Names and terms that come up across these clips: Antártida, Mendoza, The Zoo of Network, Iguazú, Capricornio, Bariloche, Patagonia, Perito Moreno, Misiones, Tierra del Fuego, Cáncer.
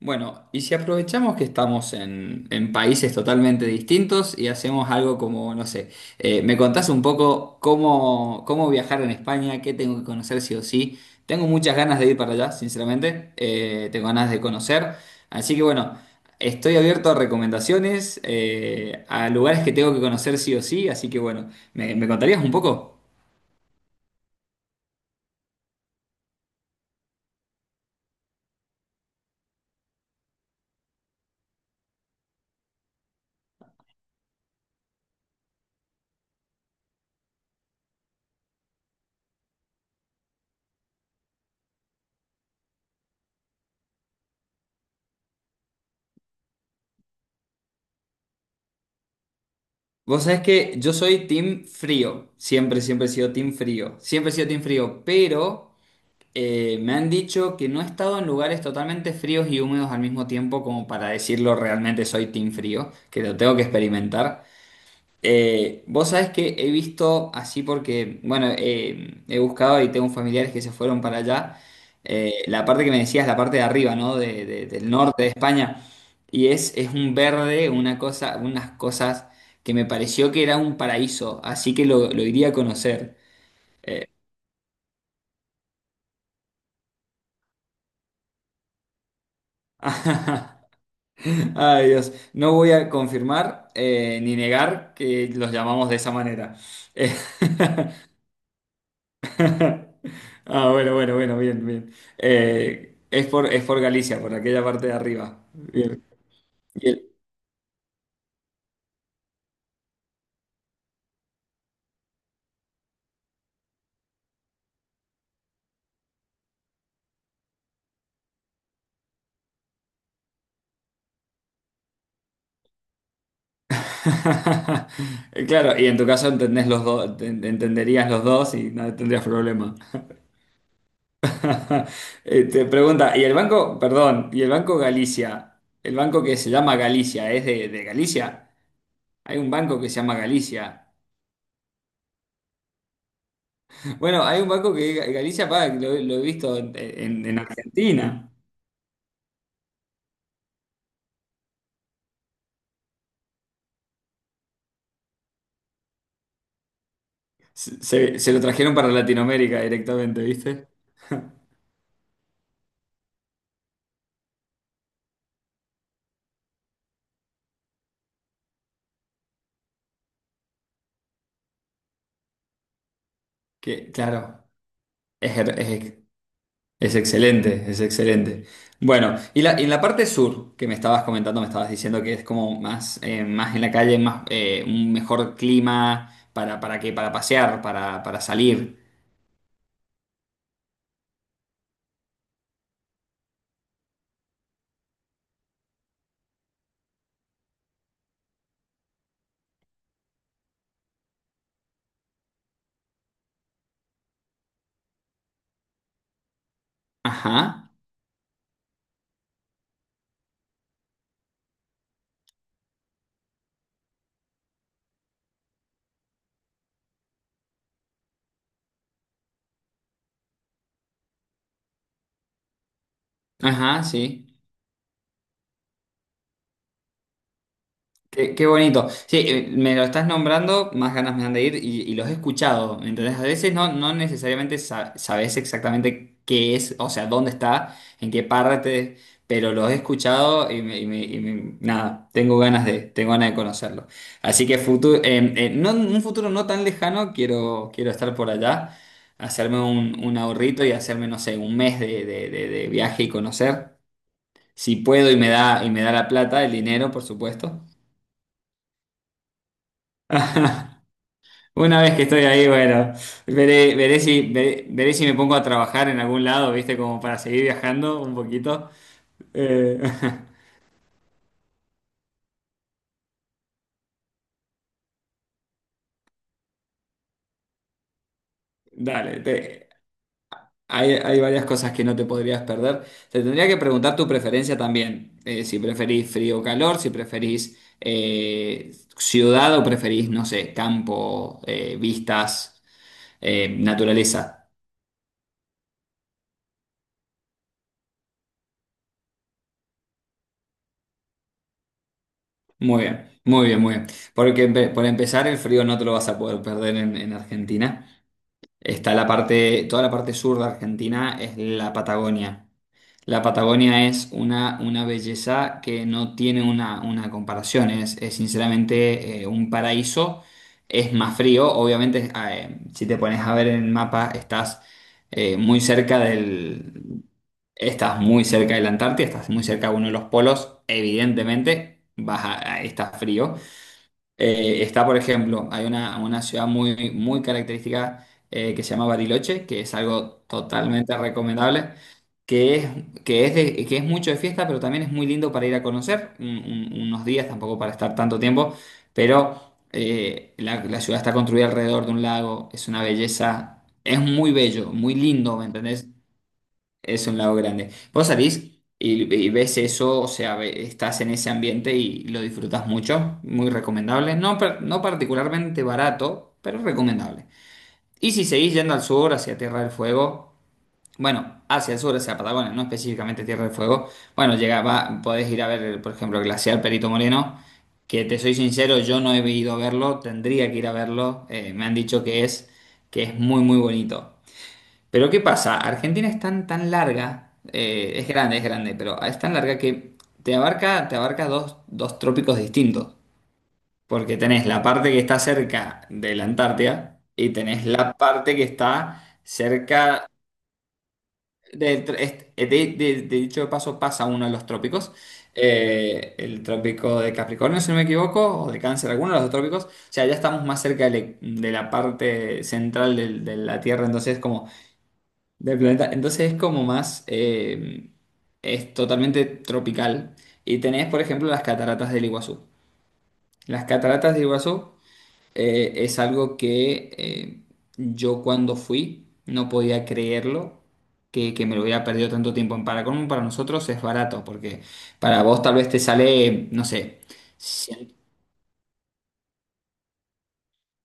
Bueno, y si aprovechamos que estamos en países totalmente distintos y hacemos algo como, no sé, me contás un poco cómo viajar en España, qué tengo que conocer sí o sí. Tengo muchas ganas de ir para allá, sinceramente, tengo ganas de conocer. Así que bueno, estoy abierto a recomendaciones, a lugares que tengo que conocer sí o sí, así que bueno, ¿me contarías un poco? Vos sabés que yo soy team frío, siempre he sido team frío, pero... me han dicho que no he estado en lugares totalmente fríos y húmedos al mismo tiempo como para decirlo realmente soy team frío, que lo tengo que experimentar. Vos sabés que he visto así porque, bueno, he buscado y tengo familiares que se fueron para allá. La parte que me decías, la parte de arriba, ¿no? Del norte de España. Y es un verde, unas cosas que me pareció que era un paraíso, así que lo iría a conocer. Ay, Dios, no voy a confirmar ni negar que los llamamos de esa manera. Eh, ah, bueno, bueno, bueno, bien, bien. Es por Galicia, por aquella parte de arriba. Bien. Y el- Claro, y en tu caso entendés los dos, entenderías los dos y no tendrías problema. Te pregunta, ¿y el banco, perdón, y el Banco Galicia, el banco que se llama Galicia, es de Galicia? Hay un banco que se llama Galicia. Bueno, hay un banco que Galicia paga, que lo he visto en, en Argentina. Se lo trajeron para Latinoamérica directamente, ¿viste? Que, claro, es, her- es- es excelente, es excelente. Bueno, y en la parte sur que me estabas diciendo que es como más, más en la calle, más, un mejor clima para qué, para pasear, para salir. Ajá, ajá, sí. Qué bonito. Sí, me lo estás nombrando, más ganas me dan de ir y los he escuchado. Entonces, a veces no necesariamente sabes exactamente qué es, o sea, dónde está, en qué parte, pero los he escuchado y, nada, tengo ganas de conocerlo. Así que futuro, no, en un futuro no tan lejano, quiero estar por allá, hacerme un ahorrito y hacerme, no sé, un mes de viaje y conocer. Si puedo y me da la plata, el dinero, por supuesto. Una vez que estoy ahí, bueno, veré si me pongo a trabajar en algún lado, ¿viste? Como para seguir viajando un poquito. Eh, dale, hay varias cosas que no te podrías perder. Te tendría que preguntar tu preferencia también. Si preferís frío o calor, si preferís ciudad o preferís, no sé, campo, vistas, naturaleza. Muy bien, muy bien, muy bien. Porque por empezar, el frío no te lo vas a poder perder en Argentina. Está la parte, toda la parte sur de Argentina es la Patagonia. La Patagonia es una belleza que no tiene una comparación, es sinceramente un paraíso, es más frío, obviamente si te pones a ver en el mapa eh, muy cerca del, estás muy cerca de la Antártida, estás muy cerca de uno de los polos, evidentemente vas a, está frío, está, por ejemplo, hay una ciudad muy, muy característica que se llama Bariloche, que es algo totalmente recomendable, que es, que es mucho de fiesta, pero también es muy lindo para ir a conocer unos días, tampoco para estar tanto tiempo, pero la ciudad está construida alrededor de un lago, es una belleza, es muy bello, muy lindo, ¿me entendés? Es un lago grande. Vos salís y ves eso, o sea, estás en ese ambiente y lo disfrutas mucho, muy recomendable. No, no particularmente barato, pero recomendable. Y si seguís yendo al sur, hacia Tierra del Fuego, bueno, hacia el sur, hacia Patagonia, no específicamente Tierra del Fuego, bueno, llega, podés ir a ver, por ejemplo, el glaciar Perito Moreno, que te soy sincero, yo no he ido a verlo, tendría que ir a verlo, me han dicho que es muy, muy bonito. Pero ¿qué pasa? Argentina es tan, tan larga, es grande, pero es tan larga que te abarca dos trópicos distintos. Porque tenés la parte que está cerca de la Antártida y tenés la parte que está cerca del... De, de dicho de paso pasa uno de los trópicos, el trópico de Capricornio, si no me equivoco, o de Cáncer, alguno de los dos trópicos. O sea, ya estamos más cerca de la parte central de la Tierra, entonces como... Del planeta. Entonces es como es totalmente tropical. Y tenés, por ejemplo, las cataratas del Iguazú. Las cataratas del Iguazú es algo que yo cuando fui no podía creerlo, que me lo hubiera perdido tanto tiempo. En Paracolmo para nosotros es barato, porque para vos tal vez te sale, no sé.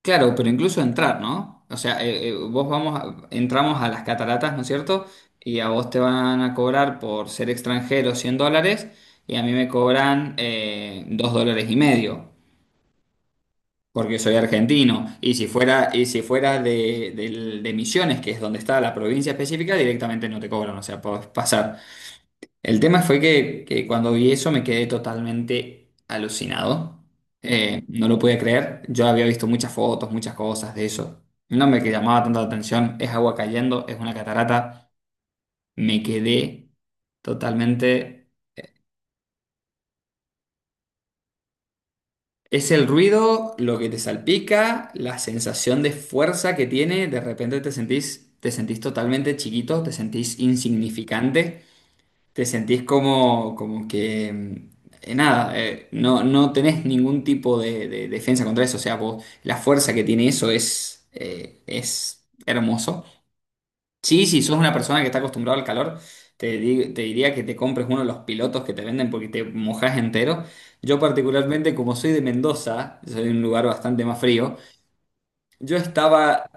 Claro, pero incluso entrar, ¿no? O sea, vos entramos a las cataratas, ¿no es cierto? Y a vos te van a cobrar por ser extranjero $100 y a mí me cobran 2 dólares y medio, porque soy argentino. Y si fuera de, de Misiones, que es donde está la provincia específica, directamente no te cobran, o sea, podés pasar. El tema fue que cuando vi eso me quedé totalmente alucinado. No lo podía creer. Yo había visto muchas fotos, muchas cosas de eso. No me que llamaba tanto la atención. Es agua cayendo, es una catarata. Me quedé totalmente... Es el ruido, lo que te salpica, la sensación de fuerza que tiene. De repente te sentís totalmente chiquito, te sentís insignificante. Te sentís como que, nada, no tenés ningún tipo de defensa contra eso. O sea, vos, la fuerza que tiene eso es hermoso. Sí, si sos una persona que está acostumbrada al calor, te diría que te compres uno de los pilotos que te venden porque te mojás entero. Yo particularmente, como soy de Mendoza, soy de un lugar bastante más frío, yo estaba...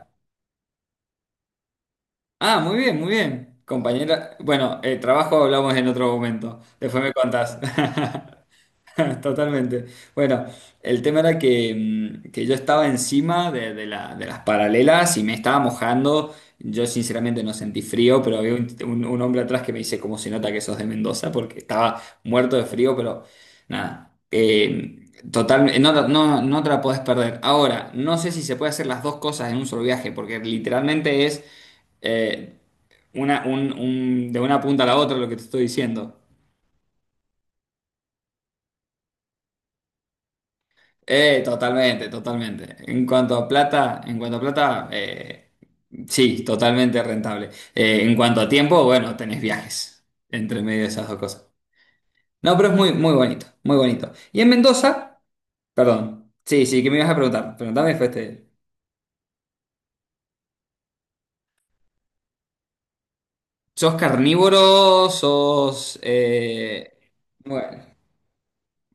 Ah, muy bien, muy bien. Compañera, bueno, el trabajo hablamos en otro momento. Después me contás. Totalmente. Bueno, el tema era que, que yo estaba encima de, de las paralelas y me estaba mojando. Yo sinceramente no sentí frío, pero había un hombre atrás que me dice cómo se nota que sos de Mendoza, porque estaba muerto de frío, pero nada. Totalmente, no, no, no no te la podés perder. Ahora, no sé si se puede hacer las dos cosas en un solo viaje, porque literalmente es eh, de una punta a la otra lo que te estoy diciendo. Totalmente, totalmente. En cuanto a plata, sí, totalmente rentable. En cuanto a tiempo, bueno, tenés viajes entre medio de esas dos cosas. No, pero es muy, muy bonito, muy bonito. Y en Mendoza, perdón, sí, sí, que me ibas a preguntar. Preguntame, después ¿sos carnívoro? ¿Sos... bueno,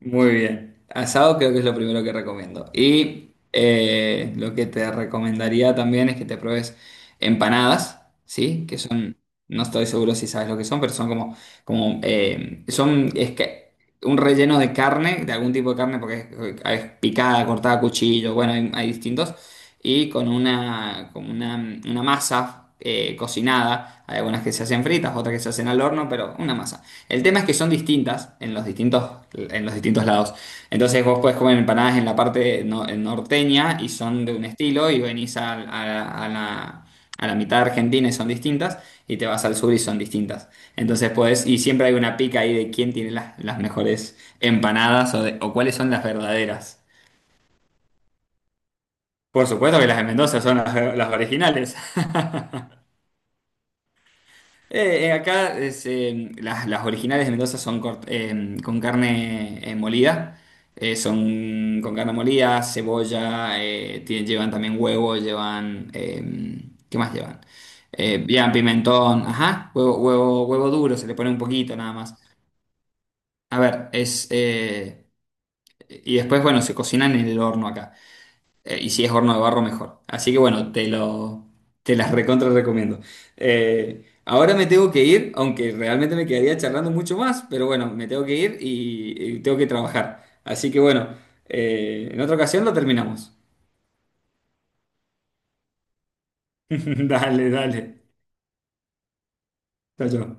muy bien. Asado creo que es lo primero que recomiendo. Y lo que te recomendaría también es que te pruebes empanadas, ¿sí? Que son, no estoy seguro si sabes lo que son, pero son como son es que un relleno de carne, de algún tipo de carne, porque es picada, cortada a cuchillo, bueno, hay distintos. Y con una masa cocinada. Hay algunas que se hacen fritas, otras que se hacen al horno, pero una masa. El tema es que son distintas en los distintos lados. Entonces vos podés comer empanadas en la parte no- en norteña y son de un estilo y venís a, a la mitad de Argentina y son distintas y te vas al sur y son distintas. Entonces podés, y siempre hay una pica ahí de quién tiene las mejores empanadas o cuáles son las verdaderas. Por supuesto que las de Mendoza son las originales. Acá las originales de Mendoza son con carne molida. Son con carne molida, cebolla, llevan también huevo, ¿qué más llevan? Llevan pimentón, ajá, huevo, huevo, huevo duro, se le pone un poquito nada más. A ver, y después, bueno, se cocinan en el horno acá. Y si es horno de barro, mejor. Así que bueno, te las recontra recomiendo. Ahora me tengo que ir, aunque realmente me quedaría charlando mucho más, pero bueno, me tengo que ir y tengo que trabajar. Así que bueno, en otra ocasión lo terminamos. Dale, dale. Chao, chao.